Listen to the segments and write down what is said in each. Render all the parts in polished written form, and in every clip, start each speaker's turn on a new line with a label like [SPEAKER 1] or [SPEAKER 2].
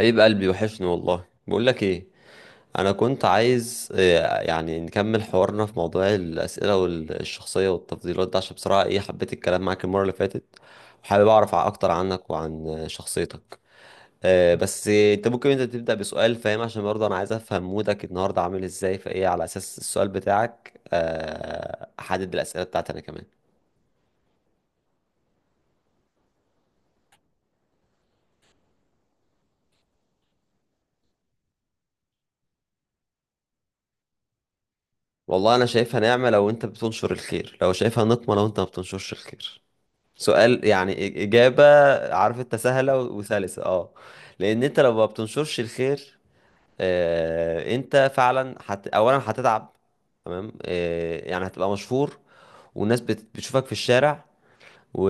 [SPEAKER 1] حبيب قلبي، وحشني والله. بقول لك ايه، انا كنت عايز، يعني نكمل حوارنا في موضوع الاسئله والشخصيه والتفضيلات ده، عشان بصراحه ايه، حبيت الكلام معاك المره اللي فاتت. وحابب اعرف اكتر عنك وعن شخصيتك. بس انت ممكن تبدا بسؤال، فاهم؟ عشان برضه انا عايز افهم مودك النهارده عامل ازاي، فايه، على اساس السؤال بتاعك احدد الاسئله بتاعتي انا كمان. والله انا شايفها نعمه لو انت بتنشر الخير، لو شايفها نقمه لو انت ما بتنشرش الخير. سؤال يعني إجابة. عارف أنت سهلة وسلسة، أه. لأن أنت لو ما بتنشرش الخير، أنت فعلا أولا هتتعب. تمام. يعني هتبقى مشهور، والناس بتشوفك في الشارع، و...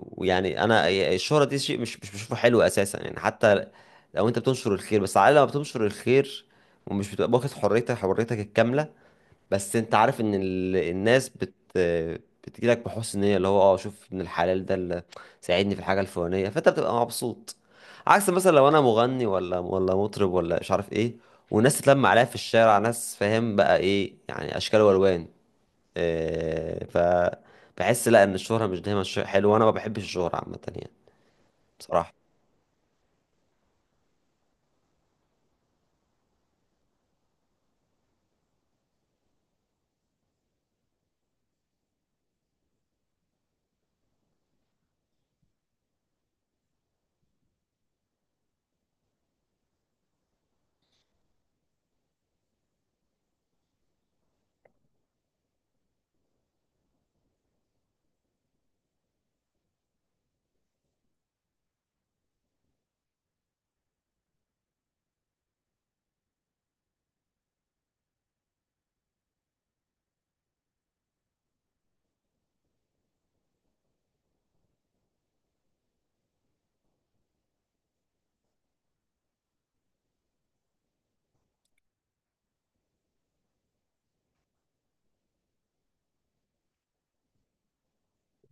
[SPEAKER 1] ويعني أنا الشهرة دي شيء مش بشوفه حلو أساسا، يعني حتى لو أنت بتنشر الخير، بس على الأقل لما بتنشر الخير، ومش بتبقى واخد حريتك، حريتك الكاملة. بس انت عارف ان الناس بتجيلك بحسن نية، اللي هو شوف ان الحلال ده اللي ساعدني في الحاجة الفلانية، فانت بتبقى مبسوط. عكس مثلا لو انا مغني ولا مطرب ولا مش عارف ايه، والناس تتلم عليا في الشارع، ناس، فاهم بقى ايه يعني، اشكال والوان. إيه ف بحس لا، ان الشهرة مش دايما شيء حلو، وانا ما بحبش الشهرة عامة يعني. بصراحة.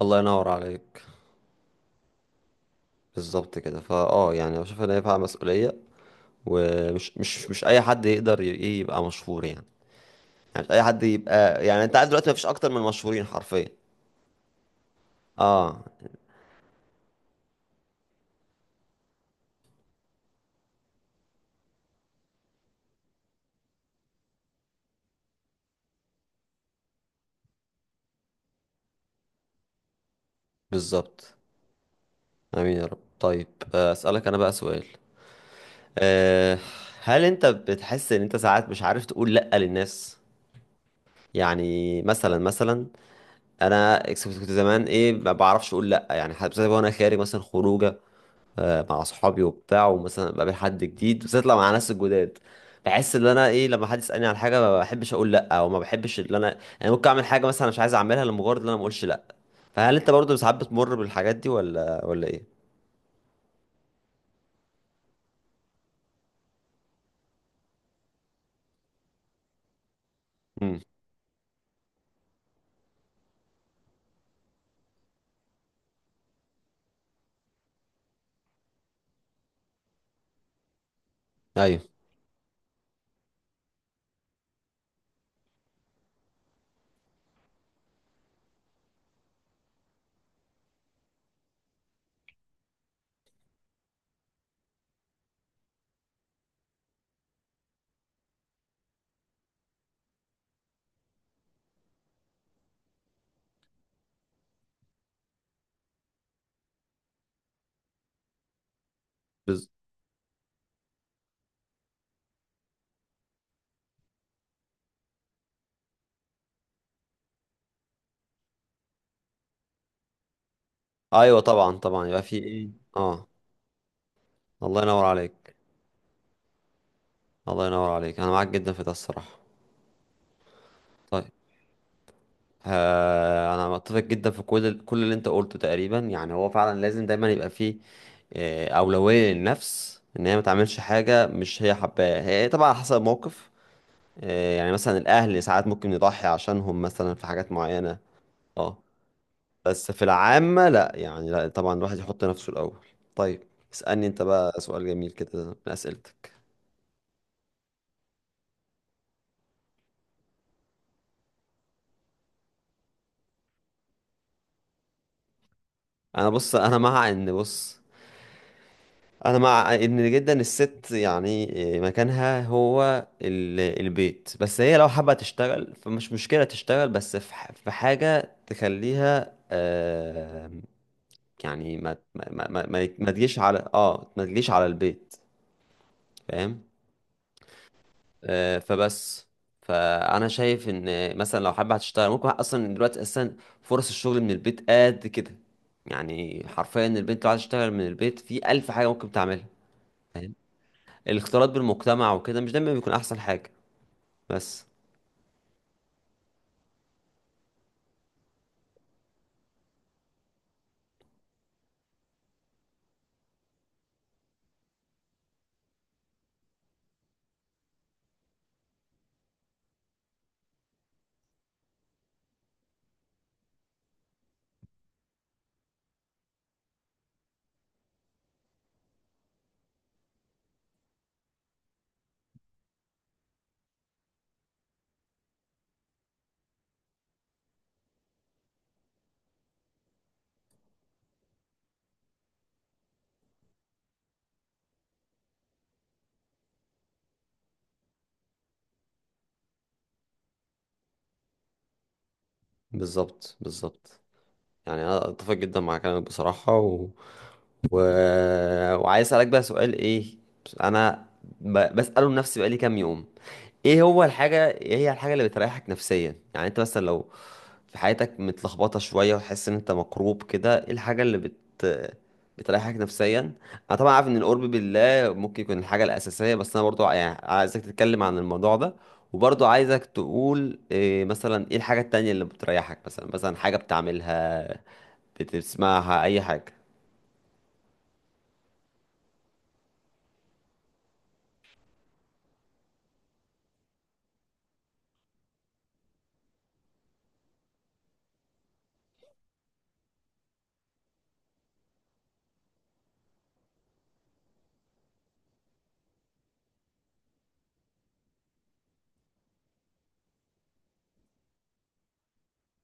[SPEAKER 1] الله ينور عليك. بالظبط كده، فا يعني بشوف ان هي فيها مسؤولية. ومش مش مش اي حد يقدر ايه يبقى مشهور يعني، عشان اي حد يبقى، يعني انت عارف دلوقتي مفيش اكتر من مشهورين حرفيا. اه. بالظبط. امين يا رب. طيب، اسالك انا بقى سؤال؟ أه. هل انت بتحس ان انت ساعات مش عارف تقول لا للناس؟ يعني مثلا، انا كنت زمان ايه، ما بعرفش اقول لا، يعني حتى بالذات وانا خارج مثلا خروجه، مع اصحابي وبتاع، ومثلا بقابل حد جديد بالذات لو مع ناس الجداد، بحس ان انا ايه، لما حد يسالني عن حاجه ما بحبش اقول لا، او ما بحبش ان انا يعني ممكن اعمل حاجه مثلا مش عايز اعملها لمجرد ان انا ما اقولش لا. فهل انت برضه ساعات بتمر بالحاجات دي، ولا ايه؟ امم. ايوه. بز... ايوه، طبعا طبعا يبقى في ايه. اه. الله ينور عليك. الله ينور عليك، انا معاك جدا في ده الصراحه. طيب. انا متفق جدا في كل اللي انت قلته تقريبا، يعني هو فعلا لازم دايما يبقى فيه اولويه للنفس ان هي ما تعملش حاجه مش هي حباها، هي طبعا على حسب الموقف. يعني مثلا الاهل ساعات ممكن يضحي عشانهم مثلا في حاجات معينه. اه. بس في العامة لا، يعني لا طبعا الواحد يحط نفسه الأول. طيب. اسألني انت بقى سؤال جميل كده من أسئلتك. انا بص، انا مع ان، بص، انا مع ان جدا الست يعني، مكانها هو البيت، بس هي لو حابة تشتغل فمش مشكلة تشتغل، بس في حاجة تخليها، يعني ما تجيش على البيت. فاهم. فبس، فانا شايف ان مثلا لو حابه هتشتغل، ممكن اصلا دلوقتي اساسا فرص الشغل من البيت قد كده، يعني حرفيا البنت لو عايزه تشتغل من البيت في الف حاجه ممكن تعملها. فاهم. الاختلاط بالمجتمع وكده مش دايما بيكون احسن حاجه. بس. بالظبط بالظبط، يعني انا اتفق جدا مع كلامك بصراحه، و... وعايز اسالك بقى سؤال، ايه، انا بساله لنفسي بقالي كام يوم، ايه هي الحاجة اللي بتريحك نفسيا، يعني انت مثلا لو في حياتك متلخبطة شوية وحاسس ان انت مكروب كده، ايه الحاجة اللي بتريحك نفسيا؟ انا طبعا عارف ان القرب بالله ممكن يكون الحاجة الأساسية، بس انا برضو يعني عايزك تتكلم عن الموضوع ده، وبرضو عايزك تقول إيه مثلا، ايه الحاجة التانية اللي بتريحك، مثلا حاجة بتعملها، بتسمعها، اي حاجة.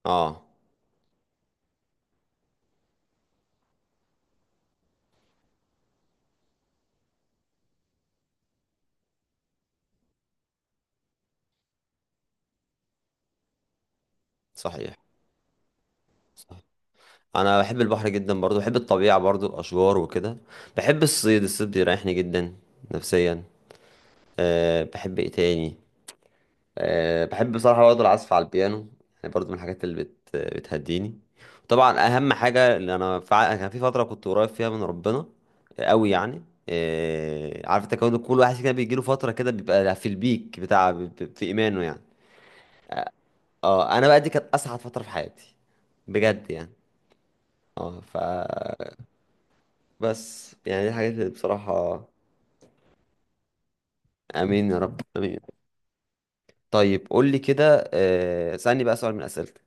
[SPEAKER 1] اه. صحيح. انا بحب البحر جدا، برضو بحب الطبيعه برضو الاشجار وكده. بحب الصيد، الصيد بيريحني جدا نفسيا. بحب ايه تاني؟ بحب بصراحه برضو العزف على البيانو، يعني برضو من الحاجات اللي بتهديني. طبعا اهم حاجه اللي انا كان في فتره كنت قريب فيها من ربنا قوي يعني. عارف انت كون كل واحد كده بيجيله فتره كده بيبقى في البيك بتاع في ايمانه يعني. اه انا بقى دي كانت اسعد فتره في حياتي، بجد يعني. اه ف بس يعني دي الحاجات اللي بصراحة. آمين يا رب، آمين. طيب، قول لي كده، اسألني بقى سؤال من أسئلتك.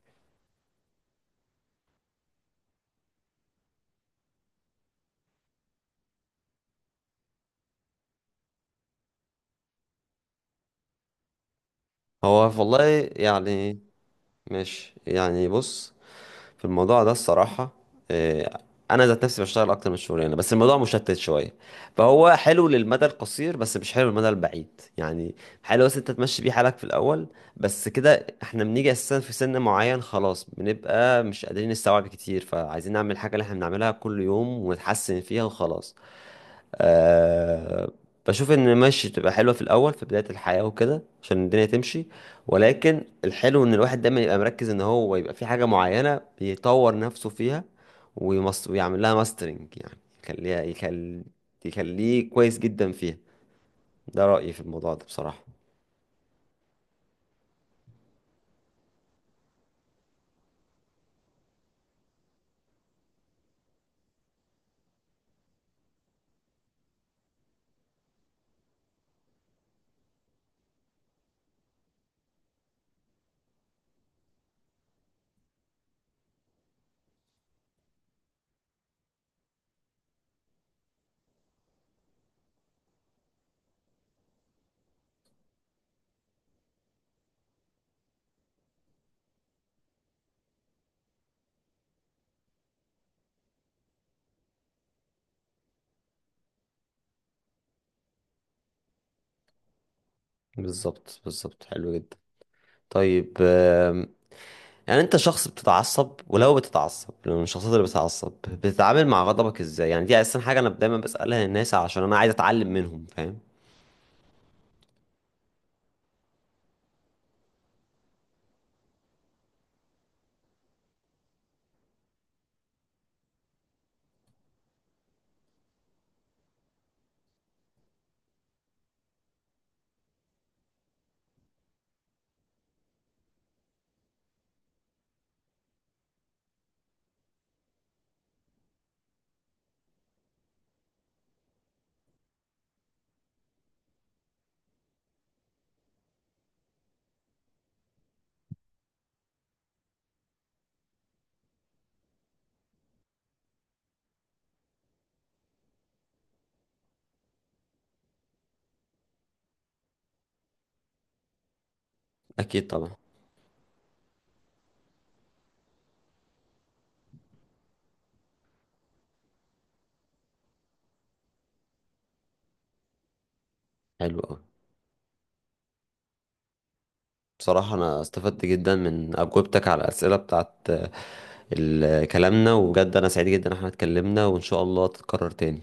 [SPEAKER 1] هو والله، يعني، ماشي يعني، بص، في الموضوع ده الصراحة، آه، أنا ذات نفسي بشتغل أكتر من الشغلانة، بس الموضوع مشتت شوية، فهو حلو للمدى القصير، بس مش حلو للمدى البعيد يعني. حلو، بس أنت تمشي بيه حالك في الأول، بس كده احنا بنيجي أساسا في سن معين خلاص، بنبقى مش قادرين نستوعب كتير، فعايزين نعمل الحاجة اللي احنا بنعملها كل يوم ونتحسن فيها وخلاص. أه بشوف ان ماشي تبقى حلوه في الاول في بدايه الحياه وكده، عشان الدنيا تمشي. ولكن الحلو ان الواحد دايما يبقى مركز، ان هو يبقى في حاجه معينه بيطور نفسه فيها، ويعمل لها ماسترنج يعني، يخليها يخليه كويس جدا فيها. ده رايي في الموضوع ده بصراحه. بالظبط بالظبط، حلو جدا. طيب، يعني انت شخص بتتعصب؟ ولو بتتعصب، لو من الشخصيات اللي بتتعصب، بتتعامل مع غضبك ازاي؟ يعني دي اساسا حاجه انا دايما بسالها الناس، عشان انا عايز اتعلم منهم، فاهم؟ اكيد طبعا. حلو قوي. بصراحه انا استفدت جدا من اجوبتك على الاسئله بتاعت كلامنا، وبجد انا سعيد جدا ان احنا اتكلمنا، وان شاء الله تتكرر تاني.